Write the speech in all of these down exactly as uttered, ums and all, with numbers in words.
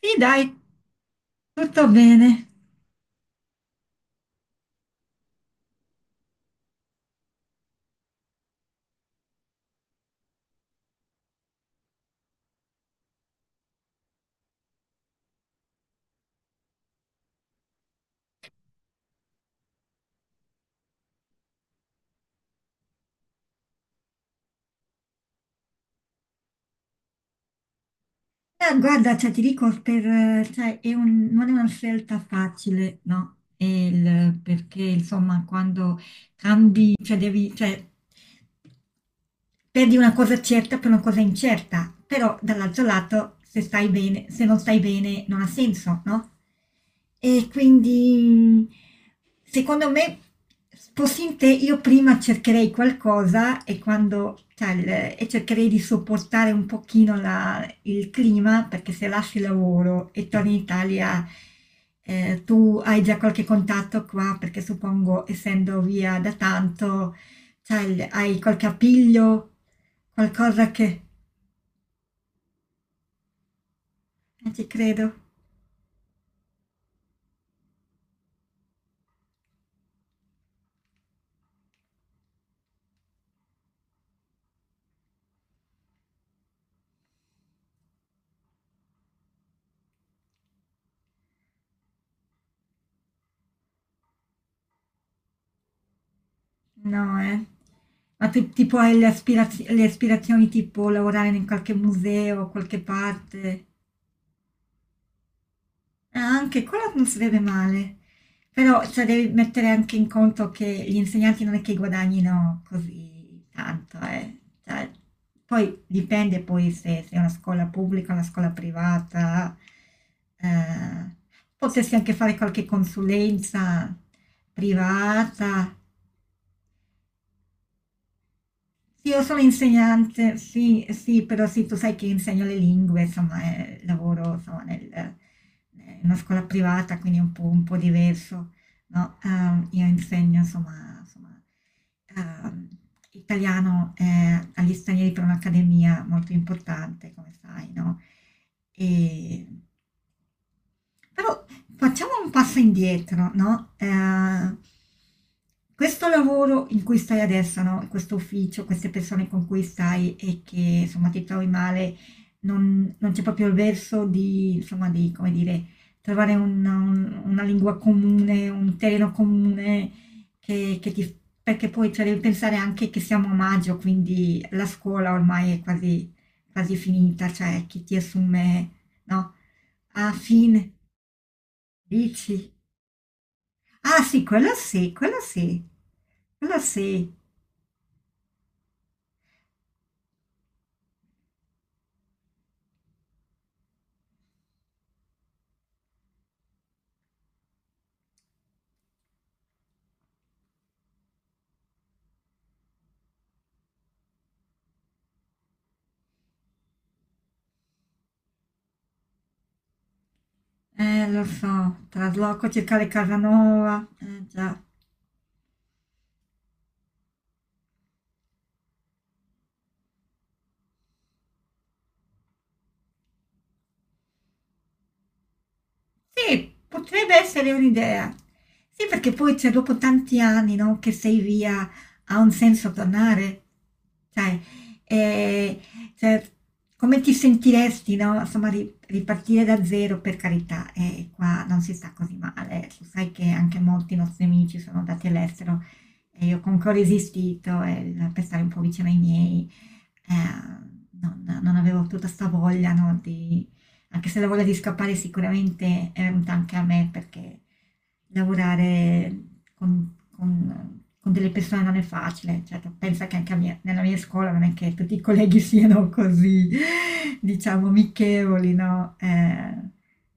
Sì, dai, tutto bene. Eh, guarda, cioè, ti dico, per, eh, cioè, è un- non è una scelta facile, no? E il- perché, insomma, quando cambi, cioè, devi, cioè, perdi una cosa certa per una cosa incerta, però dall'altro lato se stai bene, se non stai bene non ha senso, no? E quindi secondo me fossi in te io prima cercherei qualcosa e quando cioè, il- e cercherei di sopportare un pochino la- il clima perché se lasci il lavoro e torni in Italia, eh, tu hai già qualche contatto qua perché suppongo essendo via da tanto, cioè, il- hai qualche appiglio? Qualcosa che. Eh, ci credo. No, eh. Ma tu tipo hai le, aspiraz- le aspirazioni tipo lavorare in qualche museo, qualche parte? Ah, anche quello non si vede male, però cioè, devi mettere anche in conto che gli insegnanti non è che guadagnino così tanto, eh. Cioè, poi dipende poi se, se è una scuola pubblica, una scuola privata, eh, potresti anche fare qualche consulenza privata. Sì, io sono insegnante, sì, sì, però sì, tu sai che insegno le lingue, insomma, eh, lavoro, insomma, nel- eh, in una scuola privata, quindi è un po', un po' diverso, no? Ehm, io insegno, insomma, insomma, ehm, italiano, eh, agli stranieri per un'accademia molto importante, come sai, no? E però facciamo un passo indietro, no? Eh, questo lavoro in cui stai adesso, no? Questo ufficio, queste persone con cui stai e che insomma ti trovi male, non, non c'è proprio il verso di, insomma, di, come dire, trovare un- un- una lingua comune, un terreno comune che, che ti. Perché poi cioè, devi pensare anche che siamo a maggio, quindi la scuola ormai è quasi, quasi finita, cioè chi ti assume, no? A fine Dici? Ah sì, quello sì, quello sì, quello sì. Eh, lo so, trasloco circa le Casanova. Eh già. Sì, potrebbe essere un'idea. Sì, perché poi cioè, dopo tanti anni, no, che sei via, ha un senso tornare. Sai, eh, cioè, come ti sentiresti, no? Insomma, ri- ripartire da zero, per carità, e qua non si sta così male. Tu sai che anche molti nostri amici sono andati all'estero e io comunque ho resistito, eh, per stare un po' vicino ai miei. eh, non, non avevo tutta sta voglia, no, di anche se la voglia di scappare sicuramente è venuta anche a me perché lavorare con, con- con delle persone non è facile, cioè, tu pensa che anche a mia- nella mia scuola non è che tutti i colleghi siano così, diciamo, amichevoli, no? Eh,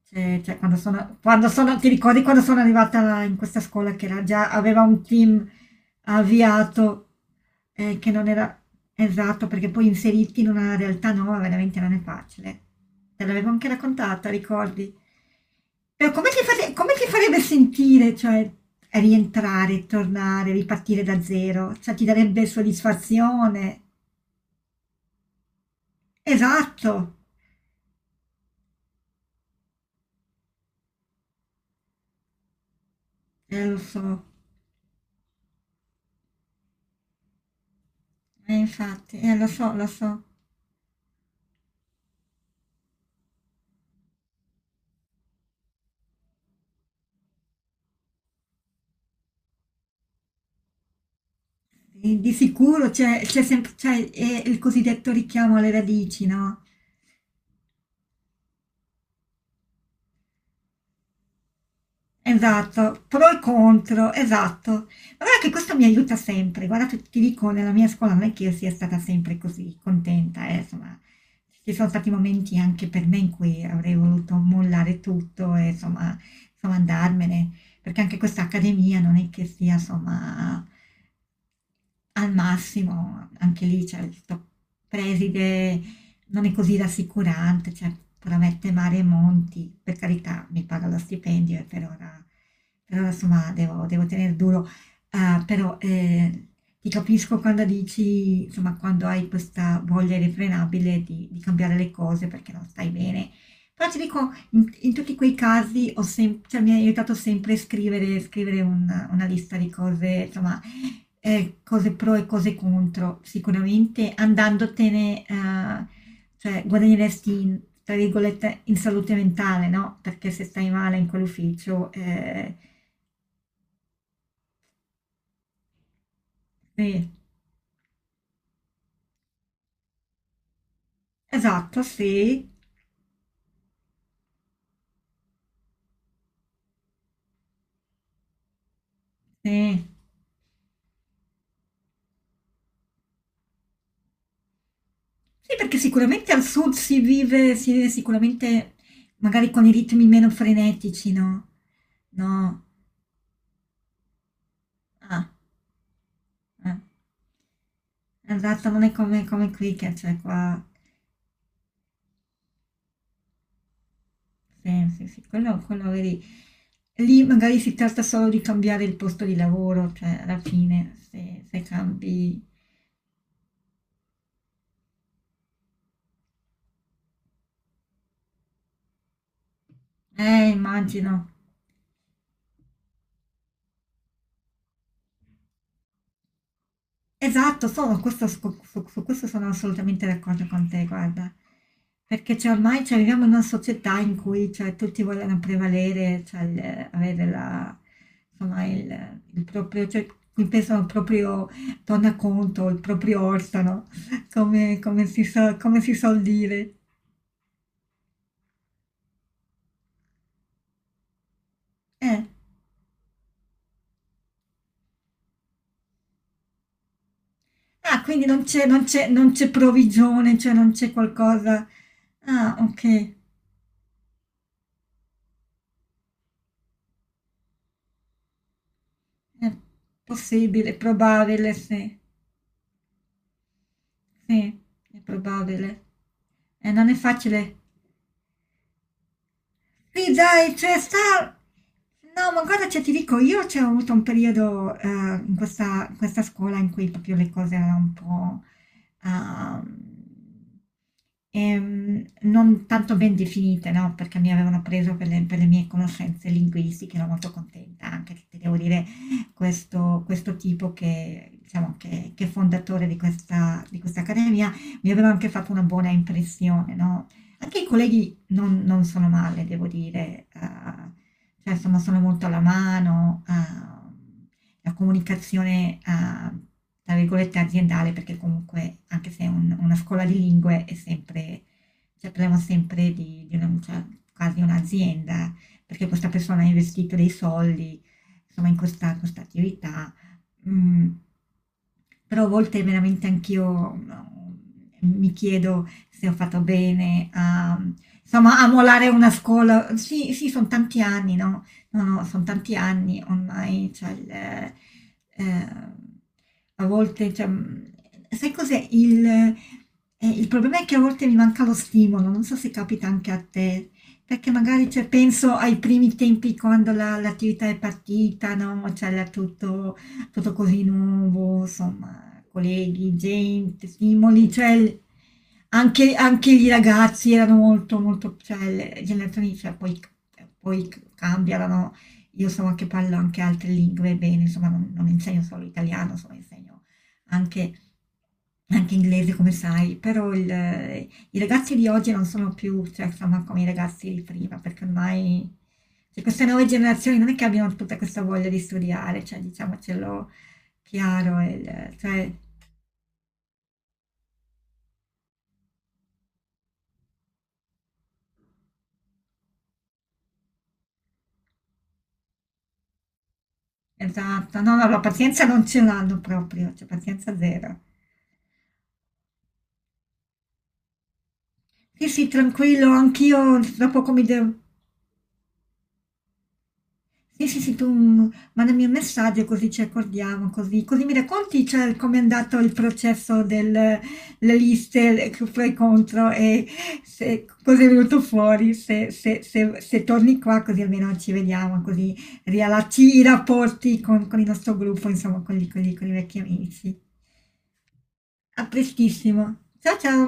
cioè, cioè, quando sono, quando sono, ti ricordi quando sono arrivata in questa scuola che era già, aveva un team avviato. Ehm, che non era esatto, perché poi inserirti in una realtà nuova veramente non è facile. Te l'avevo anche raccontata, ricordi? Però come ti fare- come ti farebbe sentire, cioè, rientrare, tornare, ripartire da zero? Cioè, ti darebbe soddisfazione. Esatto. Eh, lo so. Eh, infatti, eh, lo so, lo so. Di di sicuro c'è c'è sempre, c'è, eh, il cosiddetto richiamo alle radici, no? Esatto, pro e contro, esatto. Ma guarda che questo mi aiuta sempre. Guarda, ti ti dico, nella mia scuola non è che io sia stata sempre così contenta, eh, insomma, ci sono stati momenti anche per me in cui avrei voluto mollare tutto e, insomma, insomma, andarmene, perché anche questa accademia non è che sia, insomma, al massimo, anche lì, cioè, questo preside non è così rassicurante, cioè, promette mare e monti, per carità, mi paga lo stipendio e per ora, per ora, insomma, devo, devo tenere duro. Ah, però eh, ti capisco quando dici, insomma, quando hai questa voglia irrefrenabile di, di cambiare le cose perché non stai bene. Però ti dico, in, in tutti quei casi ho sem- cioè, mi ha aiutato sempre a scrivere, scrivere un- una lista di cose, insomma, Ehm, cose pro e cose contro. Sicuramente andandotene, ehm, cioè guadagneresti in tra virgolette "in salute mentale", no, perché se stai male in quell'ufficio, ehm sì, esatto, sì, sì. Sì, perché sicuramente al sud si vive si vive sicuramente magari con i ritmi meno frenetici, no? No. Ah, eh. Esatto, non è come come qui che cioè qua. Sì, sì, sì, quello, quello vedi, lì magari si tratta solo di cambiare il posto di lavoro, cioè alla fine se, se cambi. Eh, immagino. Esatto, sono, questo- su, su- su questo sono assolutamente d'accordo con te, guarda, perché cioè, ormai cioè, viviamo in una società in cui cioè, tutti vogliono prevalere, cioè, il- avere la, insomma, il, il proprio, cioè, qui pensano al proprio tornaconto, il proprio orstano, come, come si so- come si suol dire. Eh. Ah, quindi non c'è non c'è non c'è provvigione, cioè non c'è qualcosa. Ah, okay. È possibile, è probabile, sì. Sì, è probabile. Eh, non è facile. Sì, dai, c'è sta. No, ma guarda, cioè, ti dico, io c'è avuto un periodo, eh, in questa, in questa scuola in cui proprio le cose erano un po' ehm, ehm, non tanto ben definite, no? Perché mi avevano preso per le, per le mie conoscenze linguistiche, ero molto contenta anche che ti devo dire questo, questo tipo che, diciamo, che, che è fondatore di questa, di questa accademia mi aveva anche fatto una buona impressione, no? Anche i colleghi non, non sono male, devo dire, ehm, cioè insomma sono molto alla mano, ehm, la comunicazione, ehm, tra virgolette, aziendale, perché comunque anche se è un- una scuola di lingue è sempre, cioè parliamo sempre di, di una, cioè, quasi un'azienda, perché questa persona ha investito dei soldi, insomma, in questa, questa attività. Mm, Però a volte veramente anch'io no, mi chiedo se ho fatto bene a, insomma, a mollare una scuola. Sì, sì, sono tanti anni, no? No, no, sono tanti anni ormai, cioè, il, eh, a volte, cioè, mh, sai cos'è? Il, eh, il problema è che a volte mi manca lo stimolo, non so se capita anche a te, perché magari cioè, penso ai primi tempi quando la- l'attività è partita, no? C'era tutto, tutto così nuovo, insomma colleghi, gente, stimoli, cioè il-. Anche, anche i ragazzi erano molto, molto, cioè le generazioni, cioè, poi, poi cambiano, no? Io so che parlo anche altre lingue bene, insomma non, non insegno solo italiano, insomma insegno anche, anche inglese come sai, però il- i ragazzi di oggi non sono più, cioè, insomma, come i ragazzi di prima, perché ormai cioè, queste nuove generazioni non è che abbiano tutta questa voglia di studiare, cioè diciamocelo chiaro, il- cioè. Esatto, no, no, la pazienza non ce l'hanno proprio, cioè pazienza zero. Sì, sì, tranquillo, anch'io tra poco mi devo. Sì, sì, sì, tu mm, mandami un messaggio così ci accordiamo, così, così mi racconti, cioè, com'è andato il processo delle liste le- che pro e contro e se, cosa è venuto fuori, se, se- se- se torni qua così almeno ci vediamo, così riallacci i rapporti con, con il nostro gruppo, insomma, con gli, con gli- con i vecchi amici. A prestissimo. Ciao ciao!